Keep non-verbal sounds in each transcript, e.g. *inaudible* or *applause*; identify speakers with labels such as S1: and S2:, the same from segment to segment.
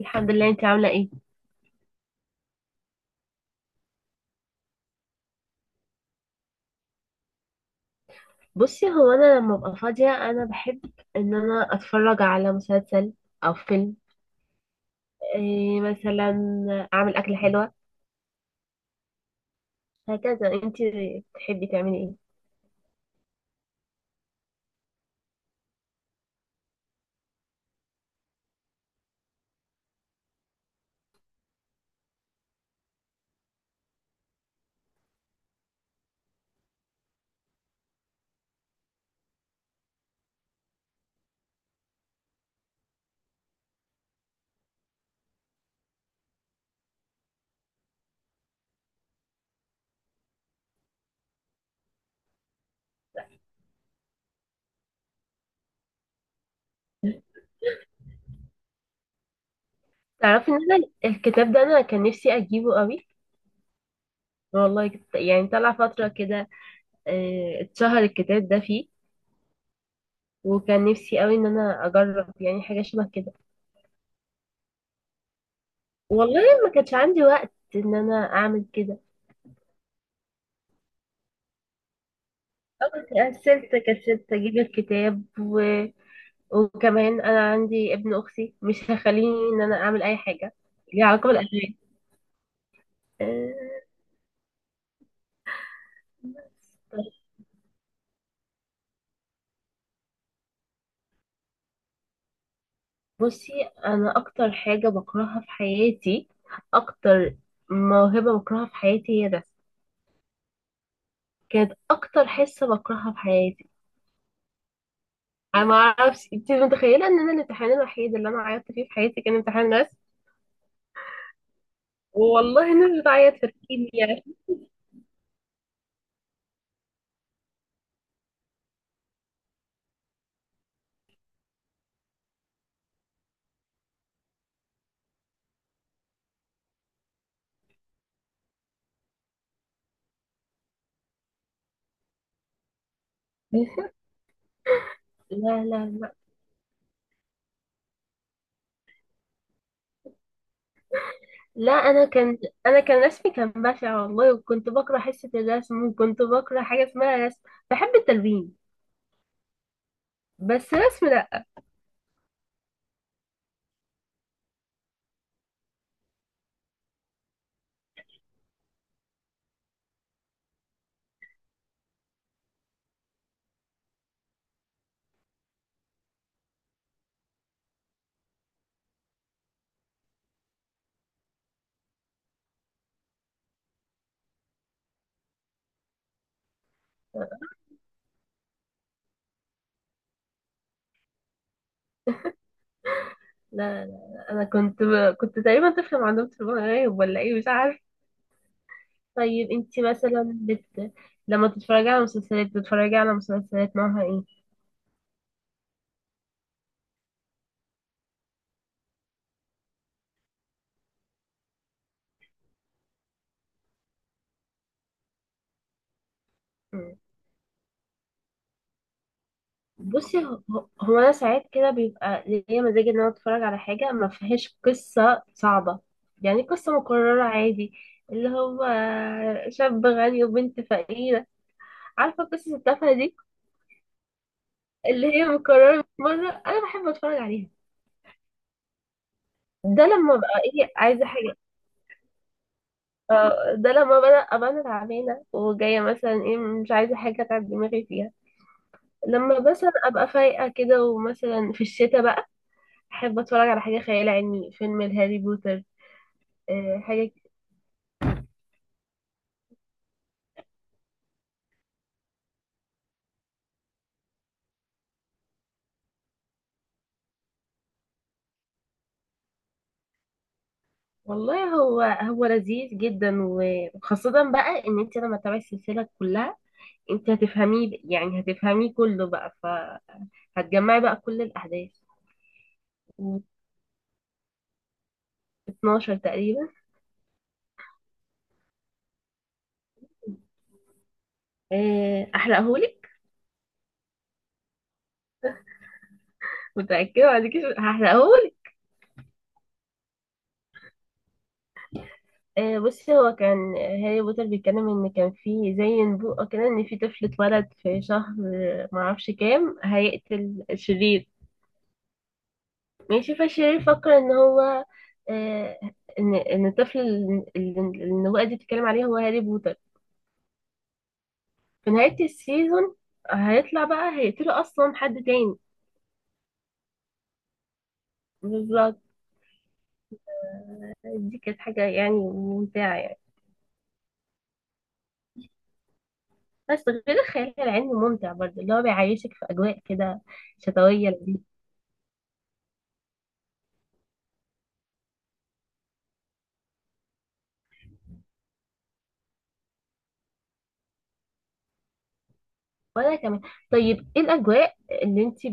S1: الحمد لله. انت عامله ايه؟ بصي، هو انا لما ابقى فاضيه انا بحب ان انا اتفرج على مسلسل او فيلم. إيه مثلا، اعمل اكله حلوه. هكذا. انت بتحبي تعملي ايه؟ تعرفي ان انا الكتاب ده انا كان نفسي اجيبه قوي. والله يعني طلع فتره كده، إيه، اتشهر الكتاب ده فيه. وكان نفسي قوي ان انا اجرب يعني حاجه شبه كده. والله ما كانش عندي وقت ان انا اعمل كده. أول كسلت اجيب الكتاب وكمان انا عندي ابن اختي مش هخليني ان انا اعمل اي حاجه ليها علاقه بالاغاني. آه، بصي، انا اكتر حاجه بكرهها في حياتي، اكتر موهبه بكرهها في حياتي هي ده. كانت اكتر حصه بكرهها في حياتي. انا ما اعرفش، انت متخيله ان انا الامتحان الوحيد اللي انا عيطت فيه في حياتي كان امتحان رسم؟ والله الناس بتعيط في الكيمياء. *laughs* لا لا لا لا، انا كان رسمي كان بشع والله، وكنت بكره حصه الرسم، وكنت بكره حاجه اسمها رسم. بحب التلوين، بس رسم لا. لا. انا كنت تقريبا طفله، ما عندهم تليفون غايب ولا ايه مش عارف. طيب، انت لما تتفرجي على مسلسلات، بتتفرجي على مسلسلات نوعها ايه؟ بصي، هو انا ساعات كده بيبقى ليا مزاج ان انا اتفرج على حاجه ما فيهاش قصه صعبه. يعني قصه مكرره عادي، اللي هو شاب غني وبنت فقيره. عارفه قصص التافهه دي اللي هي مكرره؟ مره انا بحب اتفرج عليها. ده لما بقى ايه، عايزه حاجه، ده لما بقى ابقى انا تعبانه وجايه مثلا ايه، مش عايزه حاجه اتعب دماغي فيها. لما مثلا ابقى فايقه كده ومثلا في الشتاء بقى، احب اتفرج على حاجه خيال علمي، فيلم الهاري بوتر حاجة. والله هو لذيذ جدا وخاصة بقى ان انت لما تتابعي السلسلة كلها، انت هتفهميه، يعني هتفهميه كله بقى، فهتجمعي بقى كل الاحداث. و 12 تقريبا. احرقهولك؟ متأكدة؟ بعد كده هحرقهولك. بصي، هو كان هاري بوتر بيتكلم ان كان في زي نبوءة كده، ان في طفل اتولد في شهر معرفش كام، هيقتل الشرير. ماشي، فالشرير يفكر ان هو آه، ان الطفل اللي النبوءة دي بتتكلم عليه هو هاري بوتر. في نهاية السيزون هيطلع بقى هيقتله اصلا حد تاني. بالظبط. دي كانت حاجة يعني ممتعة يعني. بس غير الخيال العلمي ممتع برضه، اللي هو بيعيشك في اجواء كده شتوية لذيذة. وانا كمان. طيب ايه الاجواء اللي انتي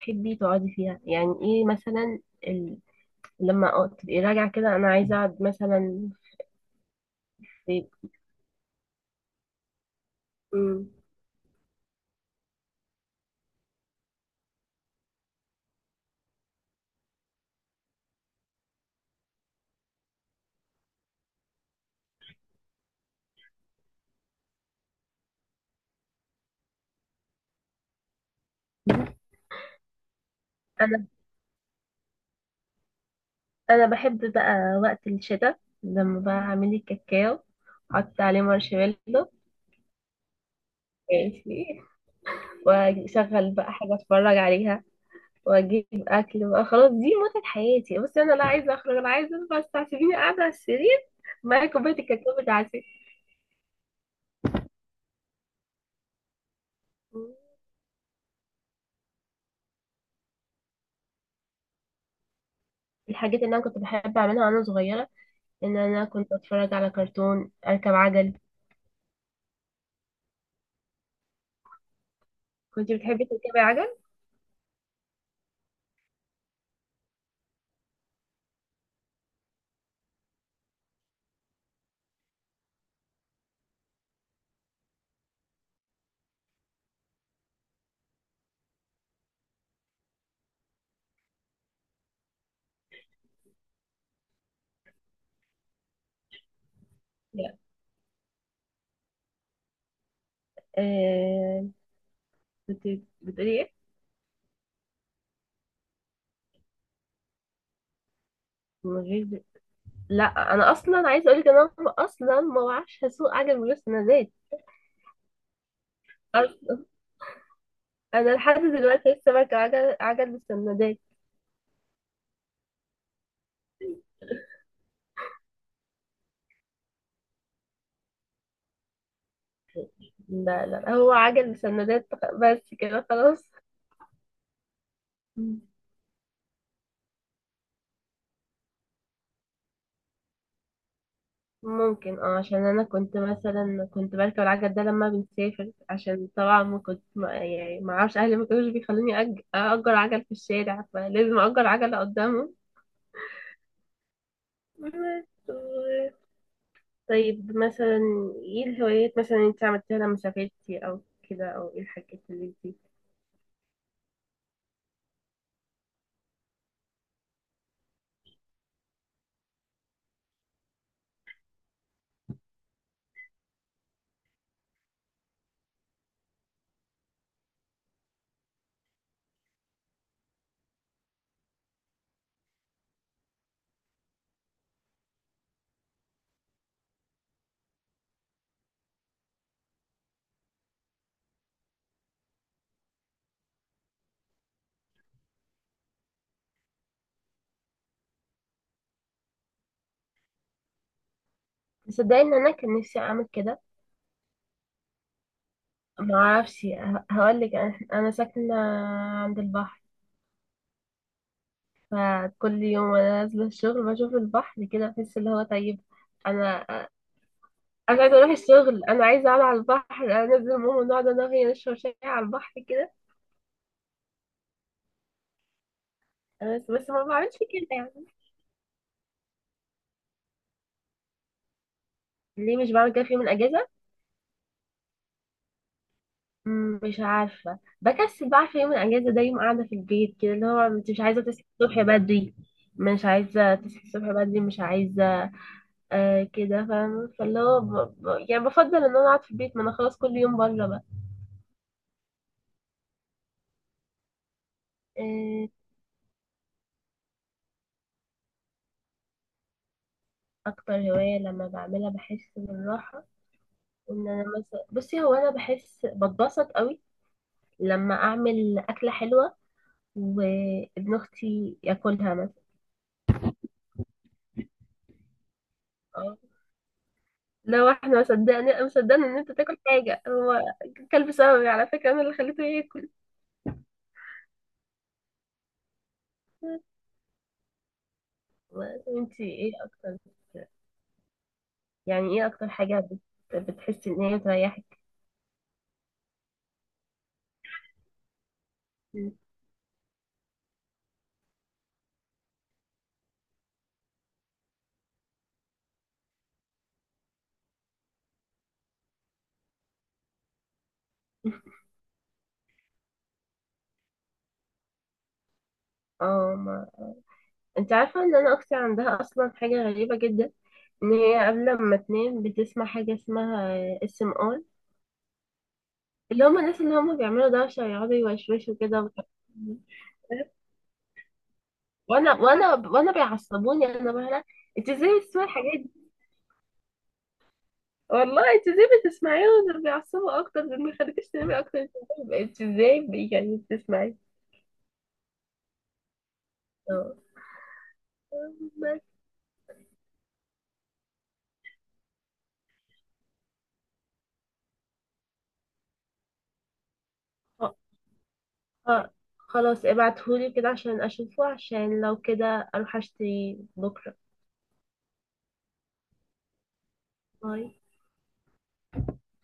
S1: بتحبي تقعدي فيها، يعني ايه مثلا ال... تبقي راجعة كده انا عايزة اقعد مثلا في. مم. انا بحب بقى وقت الشتاء لما بقى اعمل لي كاكاو، احط عليه مارشميلو، ماشي، واشغل بقى حاجه اتفرج عليها، واجيب اكل بقى، خلاص دي متعه حياتي. بس انا لا عايزه اخرج، انا عايزه بس سيبيني قاعده على السرير معايا كوبايه الكاكاو بتاعتي. الحاجات اللي انا كنت بحب اعملها وانا صغيره ان انا كنت اتفرج على كرتون، اركب عجل. كنت بتحبي تركبي عجل؟ لا. آه، كنت بتقولي ايه؟ من غير؟ لا انا اصلا عايزه اقول لك، انا اصلا ما بعرفش اسوق عجل ولا سندات اصلا. انا لحد دلوقتي لسه بركب عجل بسندات. لا لا، هو عجل بسندات، بس كده خلاص. مم. ممكن، اه، عشان انا كنت مثلا كنت بركب العجل ده لما بنسافر، عشان طبعا ما كنت، ما يعني، ما اعرفش، اهلي ما كانوش بيخلوني اجر عجل في الشارع، فلازم اجر عجله قدامهم. بس. طيب مثلا، ايه الهوايات مثلا انت عملتيها لما سافرتي او كده، او ايه الحاجات اللي انت؟ تصدقي ان انا كان نفسي اعمل كده؟ ما اعرفش. هقول لك، انا ساكنه عند البحر، فكل يوم وانا نازله الشغل بشوف البحر كده، بحس اللي هو طيب. انا انا عايزه اروح الشغل، انا عايزه اقعد على البحر. انا نازله ماما، نقعد انا وهي نشرب شاي على البحر كده. بس ما بعملش كده يعني. ليه مش بعمل كده في يوم الاجازه؟ مش عارفة بكسل بقى. في يوم الأجازة ده يوم قاعدة في البيت كده، اللي هو انت مش عايزة تصحي الصبح بدري، مش عايزة تصحي الصبح بدري، مش عايزة. آه، كده فاهمة، فاللي هو يعني بفضل إن أنا أقعد في البيت، ما أنا خلاص كل يوم بره بقى. آه، أكتر هواية لما بعملها بحس بالراحة، إن أنا مثلا، بصي، هو أنا بحس بتبسط قوي لما أعمل أكلة حلوة وابن أختي ياكلها مثلا. آه. لا واحد ما صدقني انا، مصدقني ان انت تاكل حاجه، هو كلب، سببي على فكره انا اللي خليته ياكل. انت ايه اكتر، يعني ايه اكتر حاجه بتحسي ان هي بتريحك؟ اه، ما انت عارفه ان انا اختي عندها اصلا حاجه غريبه جدا، ان هي قبل ما تنام بتسمع حاجه اسمها اس ام ار؟ اللي هم الناس اللي هم بيعملوا دوشه، يقعدوا يوشوشوا كده، وانا بيعصبوني انا بقى. انت ازاي بتسمعي الحاجات؟ والله انت ازاي بتسمعيهم؟ دول بيعصبوا اكتر، دول بيخليكيش تنامي اكتر. انت ازاي، انت ازاي يعني بتسمعي؟ اه. بس. اه، اه، خلاص ابعتهولي كده عشان اشوفه، عشان لو كده اروح اشتري بكره. باي.